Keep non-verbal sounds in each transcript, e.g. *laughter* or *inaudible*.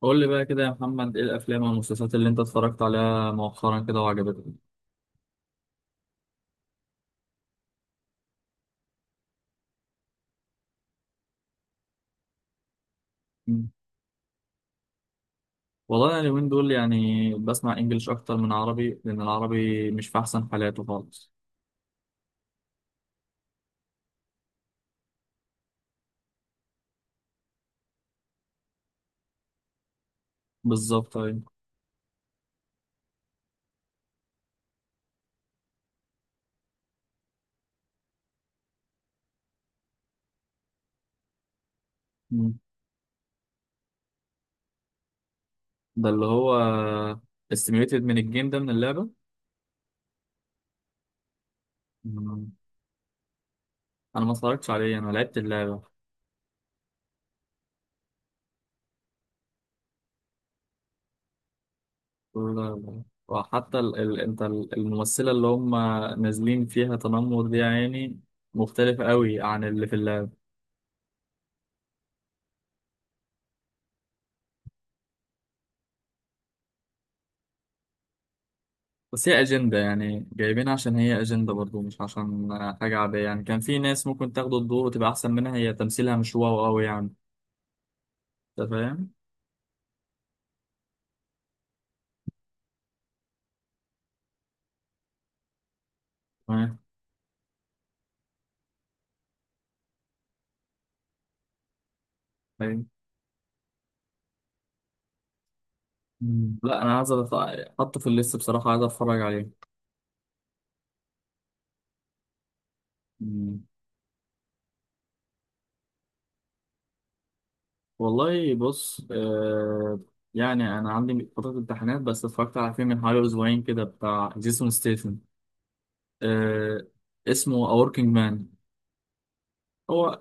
قول لي بقى كده يا محمد، ايه الافلام والمسلسلات اللي انت اتفرجت عليها مؤخرا كده وعجبتك؟ مم. والله انا اليومين دول يعني بسمع انجليش اكتر من عربي لان العربي مش في احسن حالاته خالص. بالظبط، ايوه. مم. ده اللي هو استميوليتد من الجيم ده، من اللعبه. مم. انا ما اتفرجتش عليه، انا لعبت اللعبه. لا لا. وحتى انت الممثله اللي هم نازلين فيها تنمر دي يعني مختلفه قوي عن اللي في اللعبه. بس هي أجندة يعني، جايبينها عشان هي أجندة برضو، مش عشان حاجة عادية يعني. كان في ناس ممكن تاخد الدور وتبقى أحسن منها، هي تمثيلها مش واو أوي يعني. أنت فاهم؟ تمام. طيب. مم. لا أنا عايز أتف- أحطه في الليست بصراحة، عايز أتفرج عليه. مم. والله بص، آه يعني أنا عندي فترة امتحانات بس اتفرجت على فيلم من حوالي أسبوعين كده بتاع جيسون ستيثم. آه، اسمه A Working Man. هو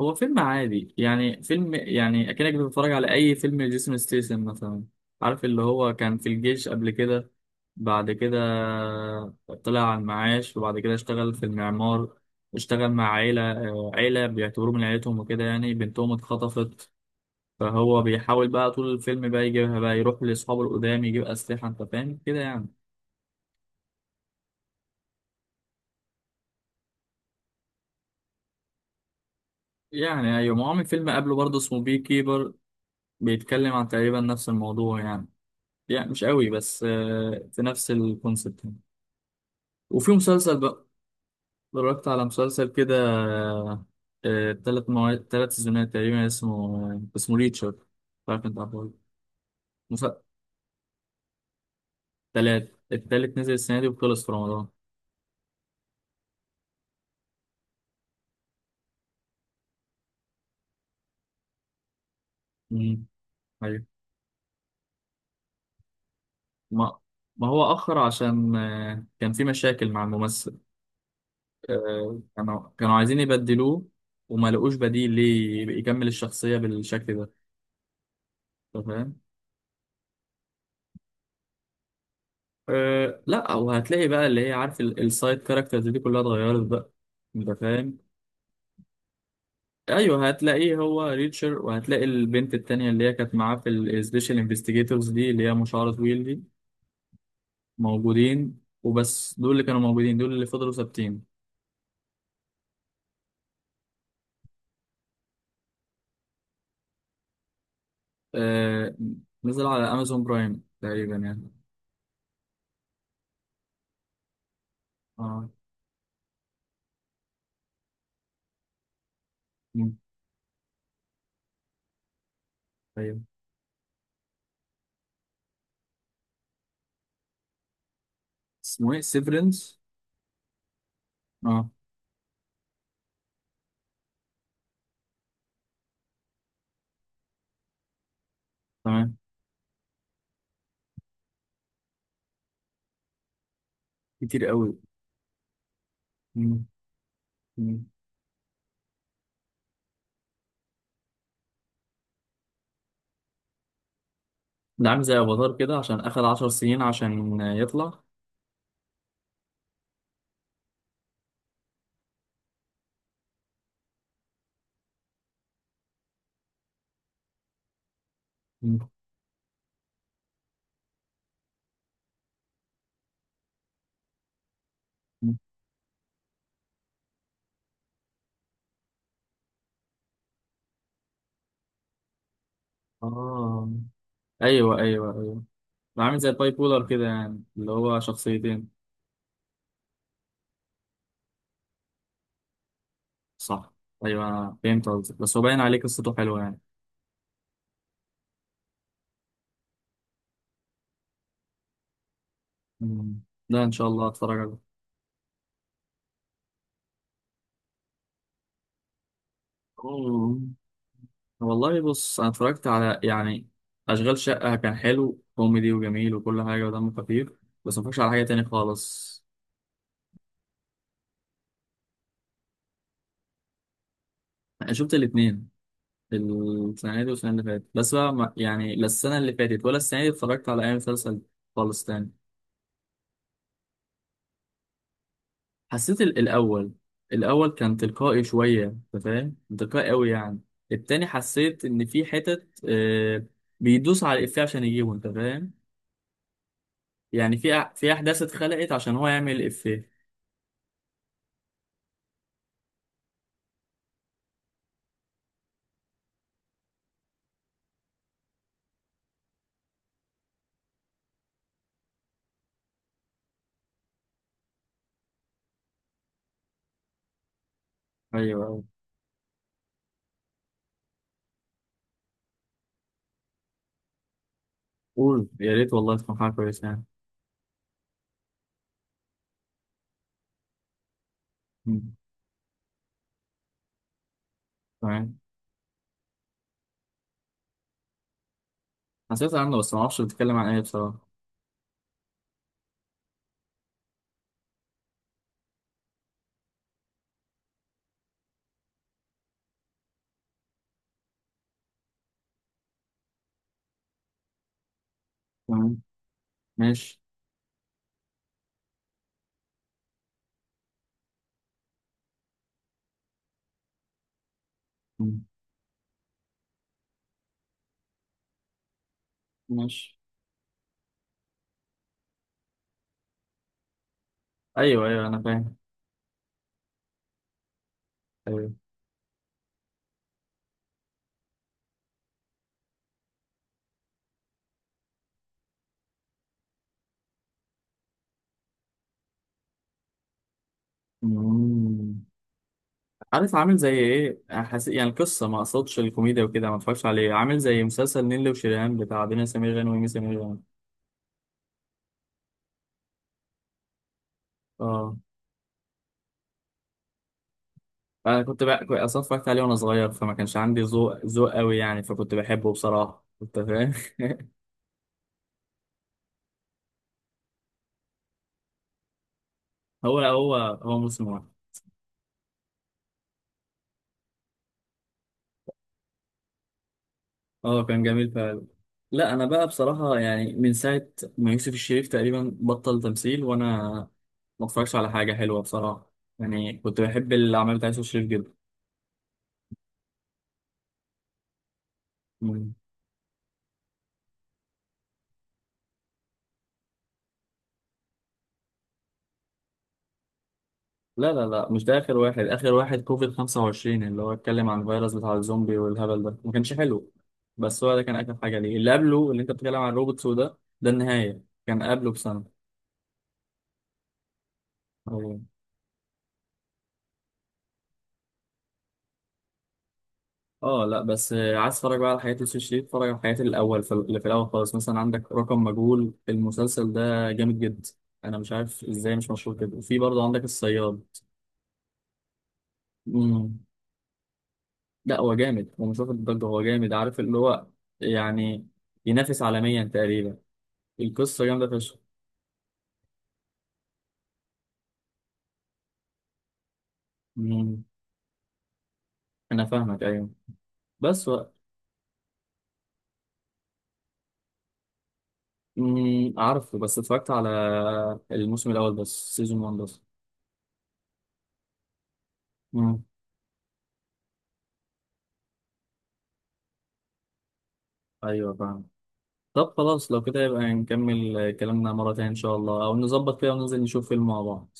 هو فيلم عادي يعني، فيلم يعني اكنك بتتفرج على اي فيلم لجيسون ستيسن مثلا. عارف اللي هو كان في الجيش قبل كده، بعد كده طلع على المعاش، وبعد كده اشتغل في المعمار. اشتغل مع عيلة، آه، عيلة بيعتبروه من عيلتهم وكده يعني، بنتهم اتخطفت. فهو بيحاول بقى طول الفيلم بقى يجيبها، بقى يروح لأصحابه القدام يجيب أسلحة، أنت فاهم كده يعني. يعني أيوة، ما هو عامل فيلم قبله برضه اسمه بي كيبر، بيتكلم عن تقريبا نفس الموضوع يعني. يعني مش قوي بس آه، في نفس الكونسيبت يعني. وفي مسلسل بقى، اتفرجت على مسلسل كده 3 مواد، 3 سيزونات تقريبا، اسمه آه، اسمه ريتشر، مش عارف انت عارفه. مسلسل ثلاث، التالت نزل السنة دي وخلص في رمضان. امم، ايوه. ما ما هو أخر عشان آه، كان في مشاكل مع الممثل. آه، كانوا عايزين يبدلوه وما لقوش بديل ليه يكمل الشخصية بالشكل ده. أنت فاهم؟ أه لا، وهتلاقي بقى اللي هي عارف السايد كاركترز دي كلها اتغيرت بقى. انت فاهم؟ ايوه، هتلاقيه هو ريتشر، وهتلاقي البنت التانية اللي هي كانت معاه في السبيشال انفستيجيتورز دي، اللي هي مشعرة طويل دي، موجودين، وبس دول اللي كانوا موجودين، دول اللي فضلوا ثابتين. أه، نزل على امازون برايم تقريبا يعني. اه. مم، ايوه. اسمه ايه، سيفرنس؟ اه. تمام. كتير قوي. مم، مم. ده عامل زي افاتار كده عشان اخد 10 سنين عشان يطلع. اه، ايوه ايوه ايوه، ده عامل زي الباي بولر كده يعني، اللي هو شخصيتين. صح. ايوه أنا فهمت قصدك، بس هو باين عليه قصته حلوه يعني. مم. ده ان شاء الله هتفرج عليه. أوه. والله بص، انا اتفرجت على يعني اشغال شقه، كان حلو، كوميدي وجميل وكل حاجه ودمه خفيف. بس ما اتفرجش على حاجه تاني خالص. انا شفت الاثنين، السنه دي والسنه اللي فاتت، بس بقى يعني لا السنه اللي فاتت ولا السنه دي اتفرجت على اي مسلسل خالص تاني. حسيت الأول، الأول كان تلقائي شوية، أنت فاهم، تلقائي أوي يعني. التاني حسيت إن في حتت آه، بيدوس على الإفيه عشان يجيبه، أنت فاهم. يعني في أحداث اتخلقت عشان هو يعمل الإفيه. أيوه أيوه. قول، يا ريت والله تكون حاجة كويسة يعني. مم. تمام. حسيت عنه بس معرفش بتتكلم عن إيه بصراحة. تمام. ماشي. مم. ماشي. أيوه أيوه، أنا فاهم. أيوه. مم. عارف عامل زي ايه، يعني القصه، ما اقصدش الكوميديا وكده، ما اتفرجش عليه، عامل زي مسلسل نيللي وشيريهان بتاع دنيا سمير غانم ومي سمير غانم. اه، انا كنت بقى كنت اصلا اتفرجت عليه وانا صغير، فما كانش عندي ذوق قوي يعني، فكنت بحبه بصراحه، انت فاهم؟ *laughs* هو هو هو موسم واحد. اه، كان جميل فعلا. لا انا بقى بصراحه يعني من ساعه ما يوسف الشريف تقريبا بطل تمثيل، وانا ما اتفرجش على حاجه حلوه بصراحه. يعني كنت بحب الاعمال بتاع يوسف الشريف جدا. لا لا لا، مش ده آخر واحد. آخر واحد كوفيد 25، اللي هو اتكلم عن الفيروس بتاع الزومبي والهبل ده، ما كانش حلو. بس هو ده كان آخر حاجة ليه. اللي قبله اللي أنت بتتكلم عن روبوتس وده، ده النهاية، كان قبله بسنة. أو- اه لا، بس آه، عايز تتفرج بقى على حياة يوسف شريف، اتفرج على حياة الأول، في اللي في الأول خالص، مثلا عندك رقم مجهول، المسلسل ده جامد جدا. أنا مش عارف إزاي مش مشهور كده. وفي برضه عندك الصياد. مم. لا هو جامد، هو مش واخد الضجة، هو جامد، عارف اللي هو يعني ينافس عالميا تقريبا. القصة جامدة فشخ. مم. أنا فاهمك، أيوة. بس و... مم. عارفه، بس اتفرجت على الموسم الأول بس، سيزون 1 بس. مم. أيوة فاهم. طب خلاص، لو كده يبقى نكمل كلامنا مرة تانية إن شاء الله، أو نظبط كده وننزل نشوف فيلم مع بعض.